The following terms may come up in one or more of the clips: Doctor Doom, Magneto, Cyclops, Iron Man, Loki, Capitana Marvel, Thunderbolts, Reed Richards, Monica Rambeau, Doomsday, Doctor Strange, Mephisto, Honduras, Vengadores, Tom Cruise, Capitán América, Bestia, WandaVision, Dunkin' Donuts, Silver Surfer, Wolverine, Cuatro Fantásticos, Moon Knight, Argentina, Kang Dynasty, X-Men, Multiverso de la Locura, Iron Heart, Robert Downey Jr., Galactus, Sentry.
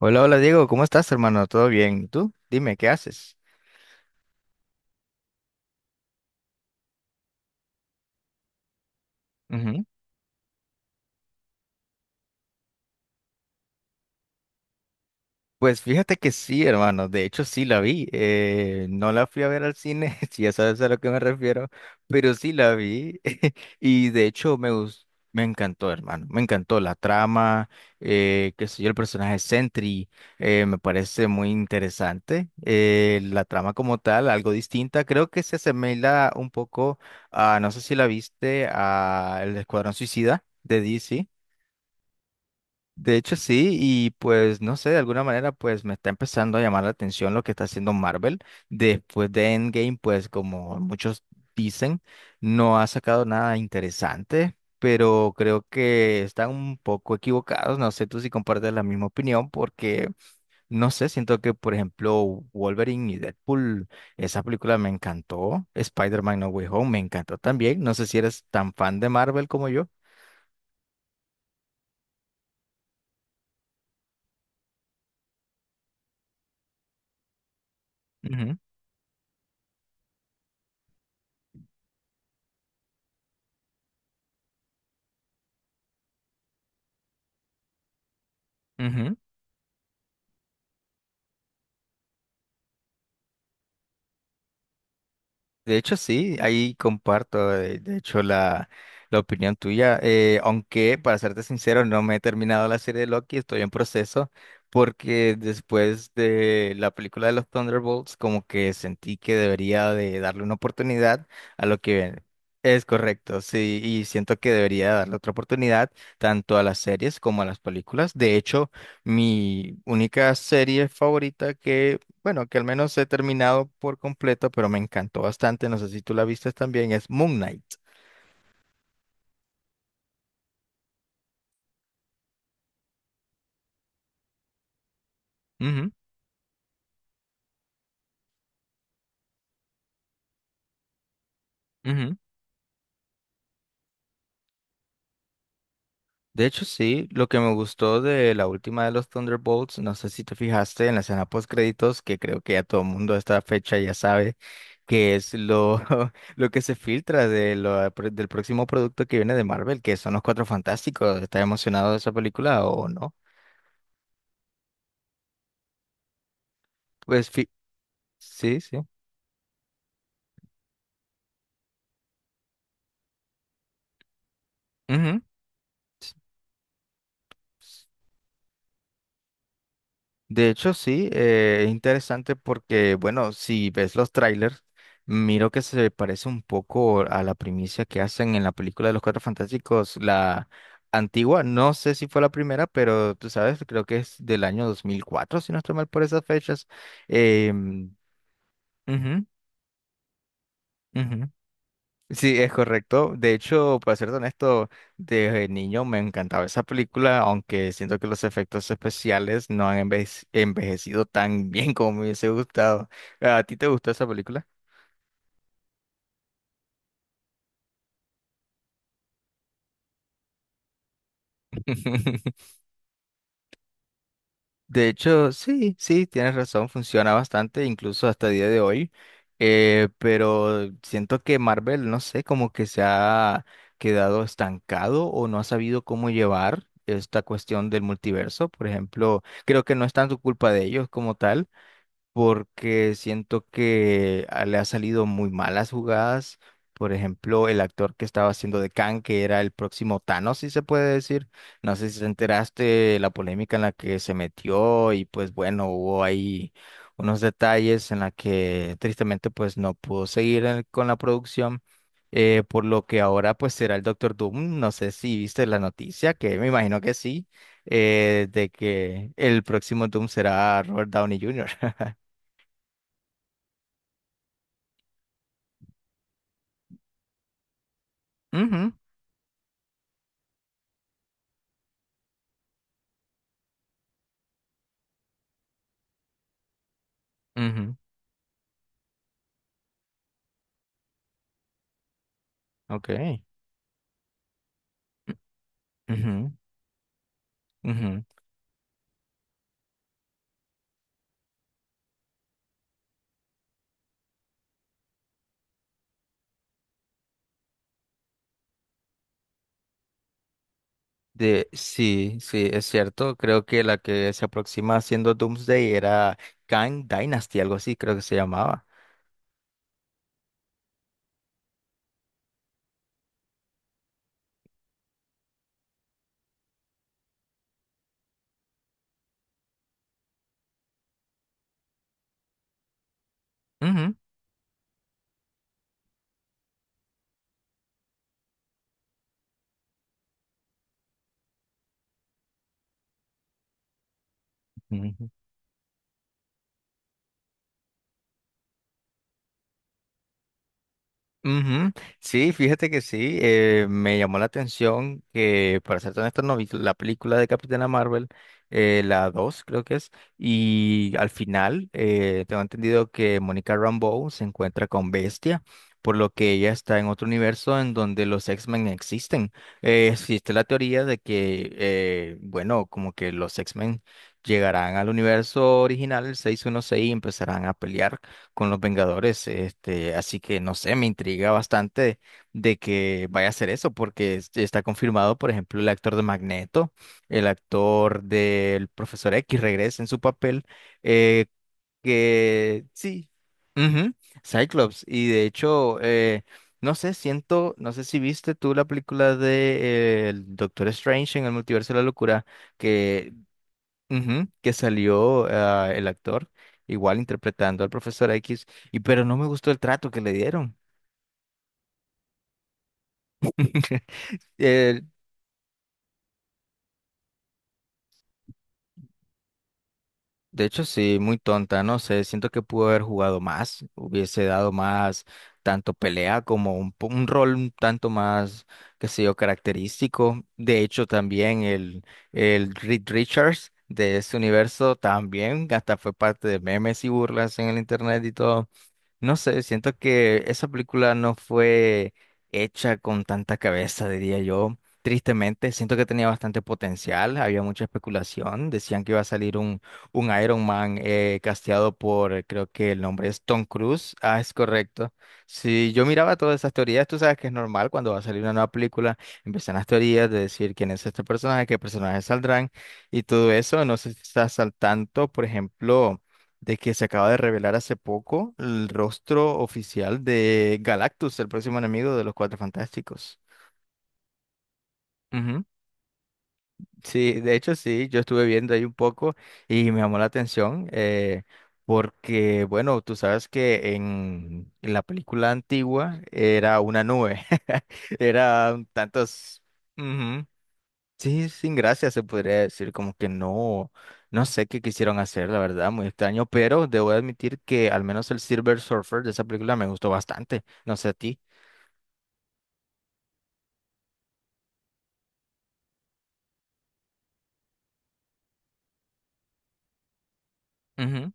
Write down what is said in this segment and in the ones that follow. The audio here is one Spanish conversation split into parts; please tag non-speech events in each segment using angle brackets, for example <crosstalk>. Hola, hola Diego, ¿cómo estás, hermano? ¿Todo bien? ¿Y tú? Dime, ¿qué haces? Ujú. Pues fíjate que sí, hermano, de hecho sí la vi, no la fui a ver al cine, <laughs> si ya sabes a lo que me refiero, pero sí la vi <laughs> y de hecho me encantó, hermano, me encantó la trama, qué sé yo, el personaje Sentry, me parece muy interesante, la trama como tal, algo distinta, creo que se asemeja un poco a, no sé si la viste, a El Escuadrón Suicida de DC. De hecho, sí, y pues no sé, de alguna manera pues me está empezando a llamar la atención lo que está haciendo Marvel. Después de Endgame, pues como muchos dicen, no ha sacado nada interesante, pero creo que están un poco equivocados. No sé tú si compartes la misma opinión, porque no sé, siento que por ejemplo Wolverine y Deadpool, esa película me encantó. Spider-Man No Way Home me encantó también. No sé si eres tan fan de Marvel como yo. Ujú, ujú. De hecho, sí, ahí comparto, de hecho, la opinión tuya, aunque para serte sincero, no me he terminado la serie de Loki, estoy en proceso, porque después de la película de los Thunderbolts, como que sentí que debería de darle una oportunidad a lo que viene. Es correcto, sí, y siento que debería darle otra oportunidad tanto a las series como a las películas. De hecho, mi única serie favorita que bueno, que al menos he terminado por completo, pero me encantó bastante. No sé si tú la viste también, es Moon Knight. Ujú, ujú. De hecho, sí, lo que me gustó de la última de los Thunderbolts, no sé si te fijaste en la escena post créditos, que creo que ya todo el mundo a esta fecha ya sabe que es <laughs> lo que se filtra de lo, del próximo producto que viene de Marvel, que son los Cuatro Fantásticos. ¿Estás emocionado de esa película o no? Pues fi- sí, sí. De hecho, sí, es interesante porque, bueno, si ves los trailers, miro que se parece un poco a la primicia que hacen en la película de los Cuatro Fantásticos, la antigua, no sé si fue la primera, pero tú sabes, creo que es del año 2004 si no estoy mal por esas fechas. Eh, ujú, ujú. Sí, es correcto. De hecho, para ser honesto, desde niño me encantaba esa película, aunque siento que los efectos especiales no han enveje- envejecido tan bien como me hubiese gustado. ¿A ti te gustó esa película? <laughs> De hecho, sí, sí, tienes razón, funciona bastante, incluso hasta el día de hoy. Pero siento que Marvel, no sé, como que se ha quedado estancado o no ha sabido cómo llevar esta cuestión del multiverso. Por ejemplo, creo que no es tanto culpa de ellos como tal, porque siento que le ha salido muy malas jugadas. Por ejemplo, el actor que estaba haciendo de Kang, que era el próximo Thanos, si se puede decir. No sé si te enteraste de la polémica en la que se metió y pues bueno, hubo ahí unos detalles en la que tristemente pues no pudo seguir con la producción. Por lo que ahora pues será el Doctor Doom. No sé si viste la noticia, que me imagino que sí, de que el próximo Doom será Robert Downey Jr. Ujú, ujú, ok. Ujú, ujú. Sí, sí, es cierto. Creo que la que se aproxima haciendo Doomsday era Kang Dynasty, algo así, creo que se llamaba. Ujú. Ujú. Ujú. Sí, fíjate que sí, me llamó la atención que, para ser honesto, no vi la película de Capitana Marvel, la 2 creo que es, y al final tengo entendido que Monica Rambeau se encuentra con Bestia, por lo que ella está en otro universo en donde los X-Men existen. Existe la teoría de que, bueno, como que los X-Men llegarán al universo original, el 616, y empezarán a pelear con los Vengadores, este, así que no sé, me intriga bastante de que vaya a hacer eso, porque está confirmado, por ejemplo, el actor de Magneto, el actor del Profesor X regresa en su papel, eh, que sí, ujú, Cyclops, y de hecho, no sé, siento, no sé si viste tú la película de el Doctor Strange en el Multiverso de la Locura, que Ujú, que salió el actor, igual interpretando al profesor X, y pero no me gustó el trato que le dieron. <laughs> Eh, de hecho, sí, muy tonta, no sé, siento que pudo haber jugado más, hubiese dado más tanto pelea como un, un rol un tanto más, qué sé yo, característico. De hecho, también el Reed Richards de ese universo también, hasta fue parte de memes y burlas en el internet y todo. No sé, siento que esa película no fue hecha con tanta cabeza, diría yo. Tristemente, siento que tenía bastante potencial, había mucha especulación, decían que iba a salir un Iron Man casteado por, creo que el nombre es Tom Cruise, ah, es correcto. Si yo miraba todas esas teorías, tú sabes que es normal cuando va a salir una nueva película, empiezan las teorías de decir quién es este personaje, qué personajes saldrán y todo eso, no sé si estás al tanto, por ejemplo de que se acaba de revelar hace poco el rostro oficial de Galactus, el próximo enemigo de los Cuatro Fantásticos. Ujú. Sí, de hecho sí, yo estuve viendo ahí un poco y me llamó la atención porque, bueno, tú sabes que en la película antigua era una nube, <laughs> era un tantos... Sí, sin gracia se podría decir, como que no, no sé qué quisieron hacer, la verdad, muy extraño, pero debo admitir que al menos el Silver Surfer de esa película me gustó bastante, no sé a ti. Ujú.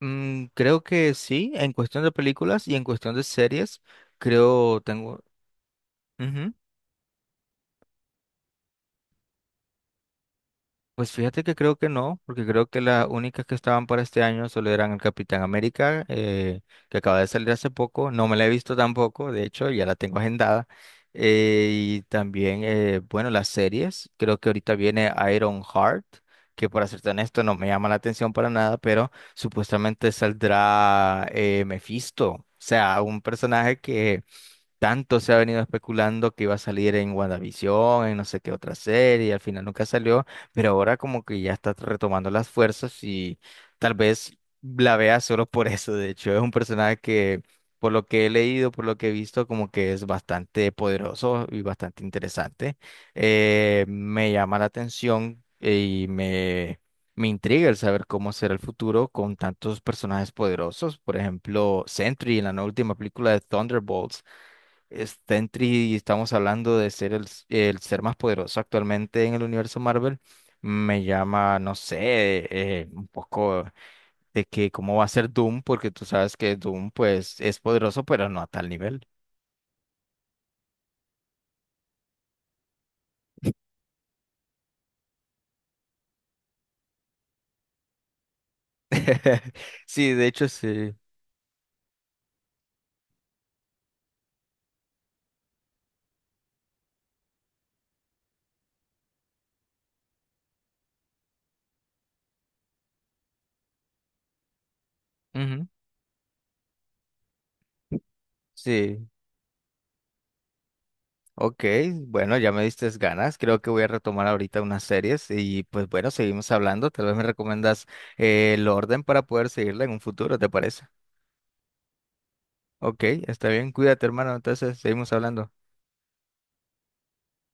Mm, creo que sí, en cuestión de películas y en cuestión de series, creo tengo... ujú. Pues fíjate que creo que no, porque creo que las únicas que estaban para este año solo eran el Capitán América, que acaba de salir hace poco. No me la he visto tampoco, de hecho, ya la tengo agendada. Y también, bueno, las series. Creo que ahorita viene Iron Heart, que para serte honesto no me llama la atención para nada, pero supuestamente saldrá Mephisto, o sea, un personaje que tanto se ha venido especulando que iba a salir en WandaVision, en no sé qué otra serie, y al final nunca salió, pero ahora como que ya está retomando las fuerzas y tal vez la vea solo por eso. De hecho, es un personaje que, por lo que he leído, por lo que he visto, como que es bastante poderoso y bastante interesante. Me llama la atención y me intriga el saber cómo será el futuro con tantos personajes poderosos. Por ejemplo, Sentry en la nueva última película de Thunderbolts está en y estamos hablando de ser el ser más poderoso actualmente en el universo Marvel. Me llama, no sé, un poco de que cómo va a ser Doom, porque tú sabes que Doom pues es poderoso, pero no a tal nivel. <laughs> Sí, de hecho sí. Ujú, sí, ok, bueno, ya me diste ganas. Creo que voy a retomar ahorita unas series y pues bueno, seguimos hablando. Tal vez me recomiendas el orden para poder seguirla en un futuro, ¿te parece? Ok, está bien, cuídate, hermano. Entonces, seguimos hablando.